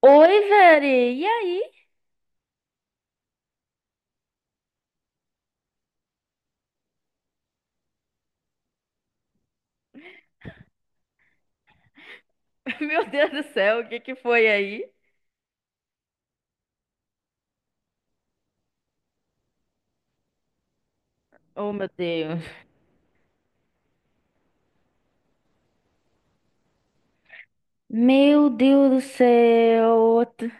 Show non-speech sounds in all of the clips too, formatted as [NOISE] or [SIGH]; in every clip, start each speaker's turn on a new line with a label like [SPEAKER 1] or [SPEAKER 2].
[SPEAKER 1] Oi, Veri. E aí? [LAUGHS] Meu Deus do céu, o que que foi aí? Oh, meu Deus. Meu Deus do céu.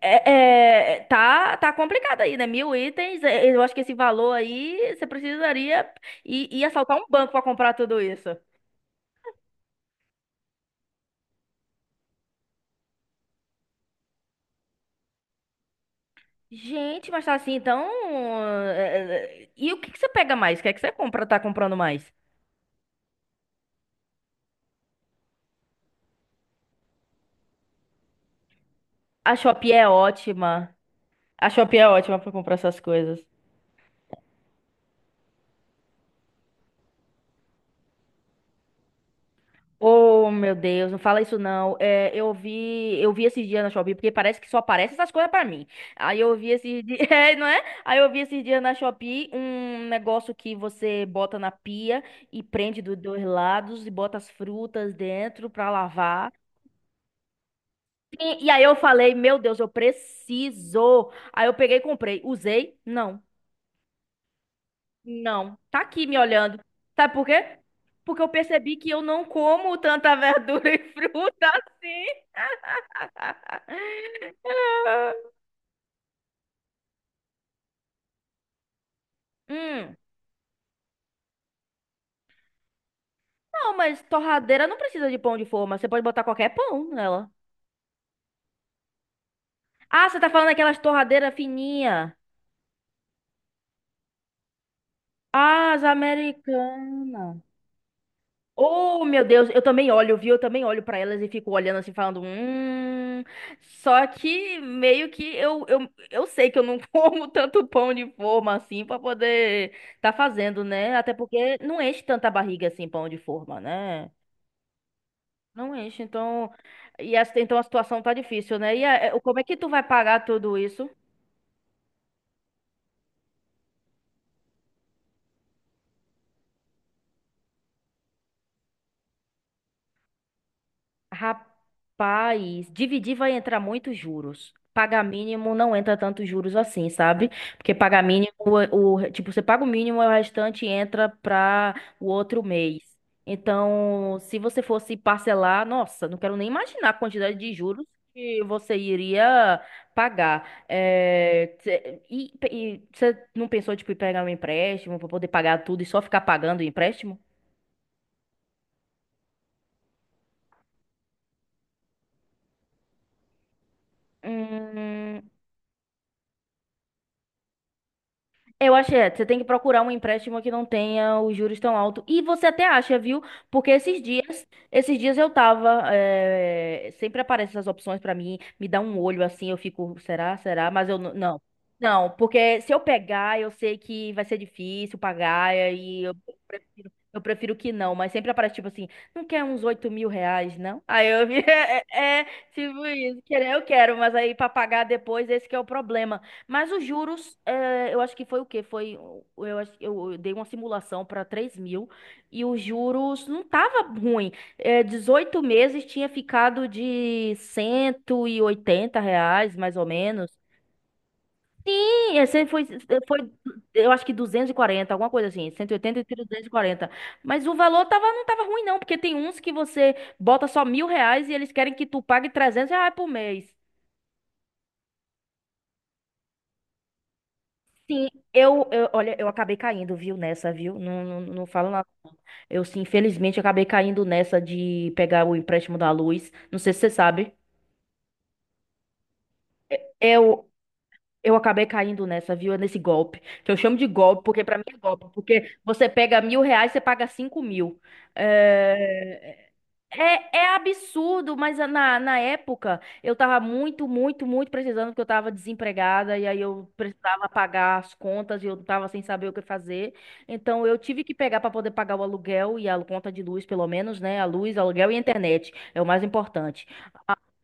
[SPEAKER 1] Tá complicado aí, né? 1.000 itens, é, eu acho que esse valor aí você precisaria ir assaltar um banco pra comprar tudo isso. Gente, mas tá assim, então. E o que que você pega mais? O que é que você compra, tá comprando mais? A Shopee é ótima. A Shopee é ótima pra comprar essas coisas. Oh, meu Deus, não fala isso não. É, eu vi esses dias na Shopee, porque parece que só aparece essas coisas pra mim. Aí eu vi esses dias, [LAUGHS] é, não é? Aí eu vi esses dias na Shopee um negócio que você bota na pia e prende dos dois lados e bota as frutas dentro pra lavar. E aí eu falei, meu Deus, eu preciso. Aí eu peguei e comprei. Usei? Não. Não. Tá aqui me olhando. Sabe por quê? Porque eu percebi que eu não como tanta verdura e [LAUGHS] fruta assim. [LAUGHS] Hum. Não, mas torradeira não precisa de pão de forma. Você pode botar qualquer pão nela. Ah, você tá falando daquelas torradeiras fininhas. Ah, as americanas. Oh, meu Deus, eu também olho, viu? Eu também olho pra elas e fico olhando assim, falando. Só que meio que eu sei que eu não [LAUGHS] como tanto pão de forma assim pra poder tá fazendo, né? Até porque não enche tanta barriga assim, pão de forma, né? Não enche, então. E essa, então a situação tá difícil, né? E como é que tu vai pagar tudo isso? Rapaz, dividir vai entrar muitos juros. Pagar mínimo não entra tantos juros assim, sabe? Porque pagar mínimo, tipo, você paga o mínimo e o restante entra para o outro mês. Então, se você fosse parcelar, nossa, não quero nem imaginar a quantidade de juros que você iria pagar. É, e você não pensou, tipo, em pegar um empréstimo para poder pagar tudo e só ficar pagando o empréstimo? Hum. Eu acho que é, você tem que procurar um empréstimo que não tenha os juros tão altos. E você até acha, viu? Porque esses dias eu tava, sempre aparecem essas opções pra mim, me dá um olho assim, eu fico, será, será? Mas eu não, não, porque se eu pegar, eu sei que vai ser difícil pagar e aí eu prefiro que não. Mas sempre aparece tipo assim, não quer uns R$ 8.000, não? Aí eu vi, [LAUGHS] é, é, tipo isso, querer eu quero, mas aí pra pagar depois, esse que é o problema. Mas os juros, eu acho que foi o quê? Foi, o- eu, acho- eu dei uma simulação para 3.000 e os juros não tava ruim. 18 meses tinha ficado de R$ 180, mais ou menos. Sim, esse foi, eu acho que 240 alguma coisa assim, cento e oitenta e 240. Mas o valor tava, não tava ruim não, porque tem uns que você bota só R$ 1.000 e eles querem que tu pague R$ 300 por mês. Sim, olha, eu acabei caindo, viu, nessa, viu? Não, não, não falo nada. Eu, sim, infelizmente, acabei caindo nessa de pegar o empréstimo da luz. Não sei se você sabe. Eu, eu acabei caindo nessa, viu? Nesse golpe. Que eu chamo de golpe, porque pra mim é golpe. Porque você pega R$ 1.000, você paga 5.000. É, é, absurdo, mas na época eu tava muito, muito, muito precisando, porque eu tava desempregada e aí eu precisava pagar as contas e eu tava sem saber o que fazer. Então eu tive que pegar para poder pagar o aluguel e a conta de luz, pelo menos, né? A luz, aluguel e internet é o mais importante.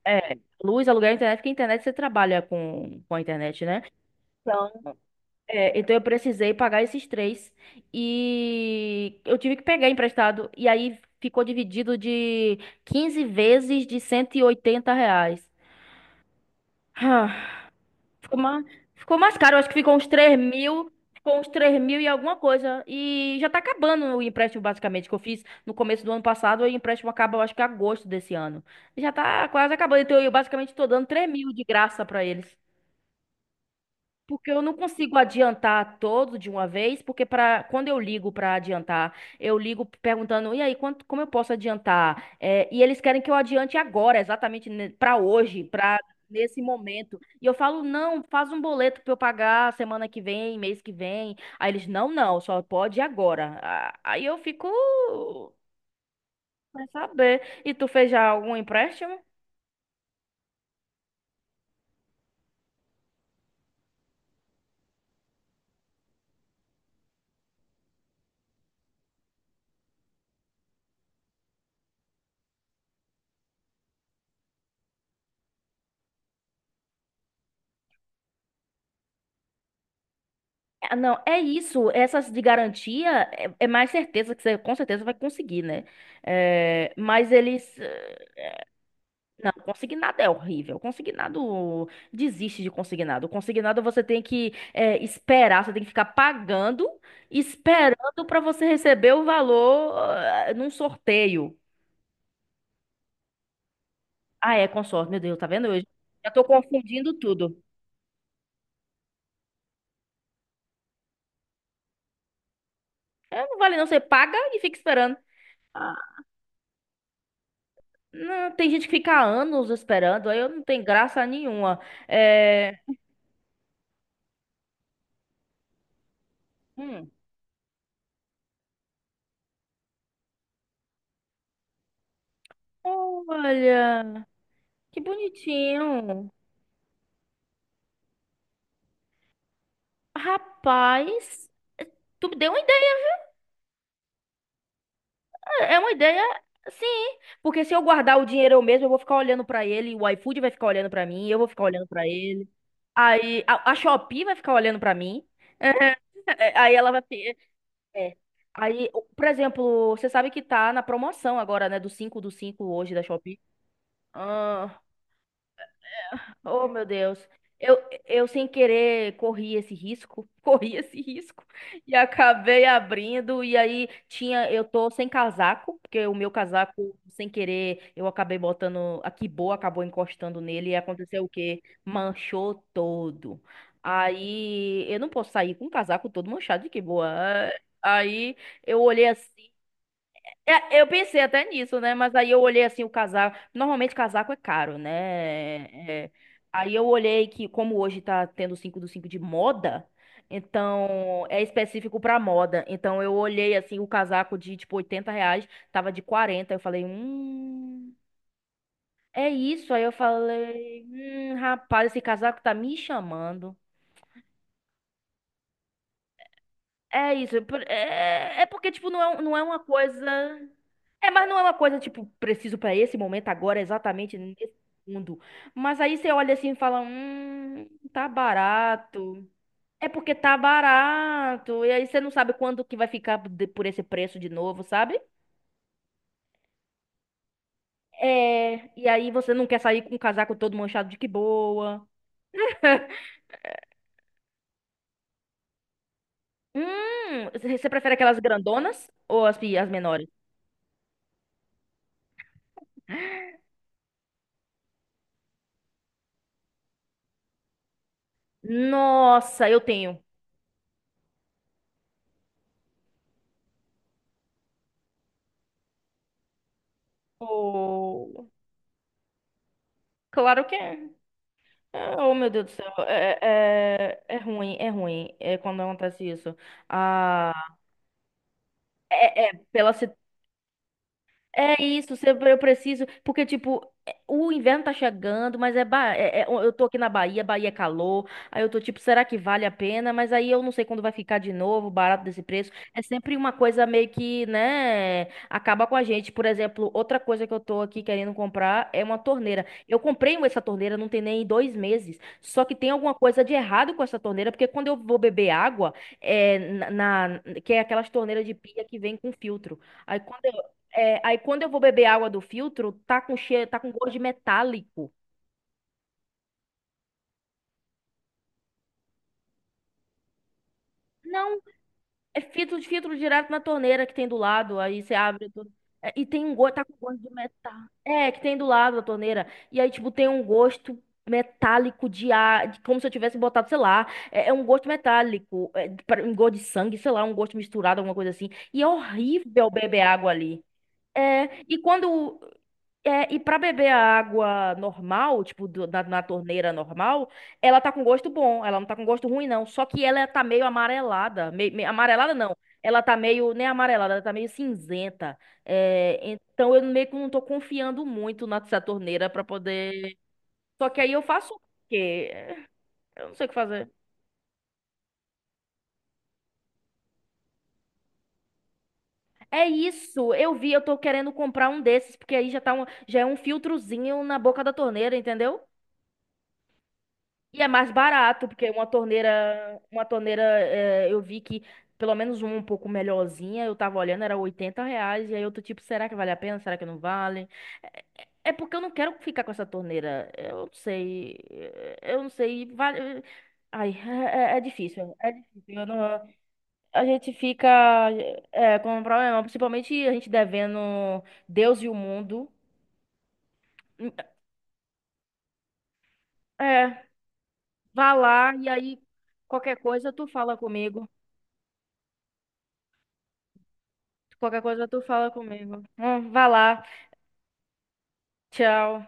[SPEAKER 1] É, luz, aluguel e internet, porque a internet você trabalha com a internet, né? É, então eu precisei pagar esses três e eu tive que pegar emprestado e aí ficou dividido de 15 vezes de R$ 180. Ah, Ficou mais, ficou mais caro, acho que ficou uns 3.000, e alguma coisa. E já tá acabando o empréstimo basicamente que eu fiz no começo do ano passado. E o empréstimo acaba eu acho que agosto desse ano. Já tá quase acabando, então eu basicamente tô dando 3.000 de graça pra eles. Porque eu não consigo adiantar todo de uma vez, porque para quando eu ligo para adiantar, eu ligo perguntando, e aí, quanto, como eu posso adiantar? É, e eles querem que eu adiante agora, exatamente para hoje, para nesse momento. E eu falo, não, faz um boleto para eu pagar semana que vem, mês que vem. Aí eles, não, não, só pode agora. Ah, aí eu fico sem saber. E tu fez já algum empréstimo? Ah, não, é isso. Essas de garantia é mais certeza que você com certeza vai conseguir, né? É, mas eles. Não, consignado é horrível. Consignado desiste de consignado. Consignado você tem que esperar, você tem que ficar pagando, esperando para você receber o valor num sorteio. Ah, é, consórcio. Meu Deus, tá vendo hoje? Já tô confundindo tudo. Então, não vale não, você paga e fica esperando. Não, tem gente que fica anos esperando, aí eu não tenho graça nenhuma. É. Hum. Olha, que bonitinho. Rapaz, tu me deu uma ideia. É uma ideia, sim. Porque se eu guardar o dinheiro eu mesmo, eu vou ficar olhando pra ele, o iFood vai ficar olhando pra mim, eu vou ficar olhando pra ele. Aí a Shopee vai ficar olhando pra mim. [LAUGHS] Aí ela vai. É. Aí, por exemplo, você sabe que tá na promoção agora, né? Do 5 hoje da Shopee. Oh, meu Deus. Eu, eu sem querer corri esse risco, [LAUGHS] corri esse risco e acabei abrindo e aí tinha, eu tô sem casaco, porque o meu casaco sem querer eu acabei botando a boa acabou encostando nele e aconteceu o quê? Manchou todo. Aí eu não posso sair com o casaco todo manchado de boa. Aí eu olhei assim é, eu pensei até nisso, né? Mas aí eu olhei assim o casaco. Normalmente casaco é caro, né? É, aí eu olhei que, como hoje tá tendo 5 do 5 de moda, então é específico pra moda. Então eu olhei assim o casaco de tipo R$ 80, tava de 40. Eu falei, é isso. Aí eu falei, rapaz, esse casaco tá me chamando. É isso. É, é porque, tipo, não é uma coisa. É, mas não é uma coisa, tipo, preciso pra esse momento agora, exatamente nesse mundo. Mas aí você olha assim e fala: tá barato. É porque tá barato. E aí você não sabe quando que vai ficar por esse preço de novo, sabe? É. E aí você não quer sair com o casaco todo manchado de que boa. Hum, você prefere aquelas grandonas ou as menores? Nossa, eu tenho. Oh, claro que é. Ah, oh, meu Deus do céu, é ruim, é quando acontece isso. Ah, é, é pela é isso, se eu preciso, porque tipo, o inverno tá chegando, mas eu tô aqui na Bahia, Bahia é calor, aí eu tô tipo, será que vale a pena? Mas aí eu não sei quando vai ficar de novo, barato desse preço. É sempre uma coisa meio que, né, acaba com a gente. Por exemplo, outra coisa que eu tô aqui querendo comprar é uma torneira. Eu comprei essa torneira, não tem nem 2 meses, só que tem alguma coisa de errado com essa torneira, porque quando eu vou beber água, é, na, que é aquelas torneiras de pia que vem com filtro. Aí quando aí quando eu vou beber água do filtro, tá com cheiro, tá com gosto de metálico. Não, é filtro de filtro direto na torneira que tem do lado, aí você abre tudo. É, e tem um gosto, tá com gosto de metal. É, que tem do lado da torneira. E aí, tipo, tem um gosto metálico de ar, como se eu tivesse botado, sei lá, é um gosto metálico, é, um gosto de sangue, sei lá, um gosto misturado, alguma coisa assim. E é horrível beber água ali. É, e quando É, e pra beber a água normal, tipo, na torneira normal, ela tá com gosto bom, ela não tá com gosto ruim, não. Só que ela tá meio amarelada. Meio, amarelada não. Ela tá meio, nem amarelada, ela tá meio cinzenta. É, então eu meio que não tô confiando muito na nessa torneira pra poder. Só que aí eu faço o quê? Eu não sei o que fazer. É isso, eu vi, eu tô querendo comprar um desses, porque aí já é um filtrozinho na boca da torneira, entendeu? E é mais barato, porque uma torneira, eu vi que pelo menos uma um pouco melhorzinha, eu tava olhando, era R$ 80, e aí eu tô tipo, será que vale a pena? Será que não vale? É, é porque eu não quero ficar com essa torneira, eu não sei, vale... Ai, é, é difícil, eu não- A gente fica com um problema, principalmente a gente devendo Deus e o mundo. É, vá lá e aí qualquer coisa tu fala comigo. Qualquer coisa tu fala comigo. Vai lá. Tchau.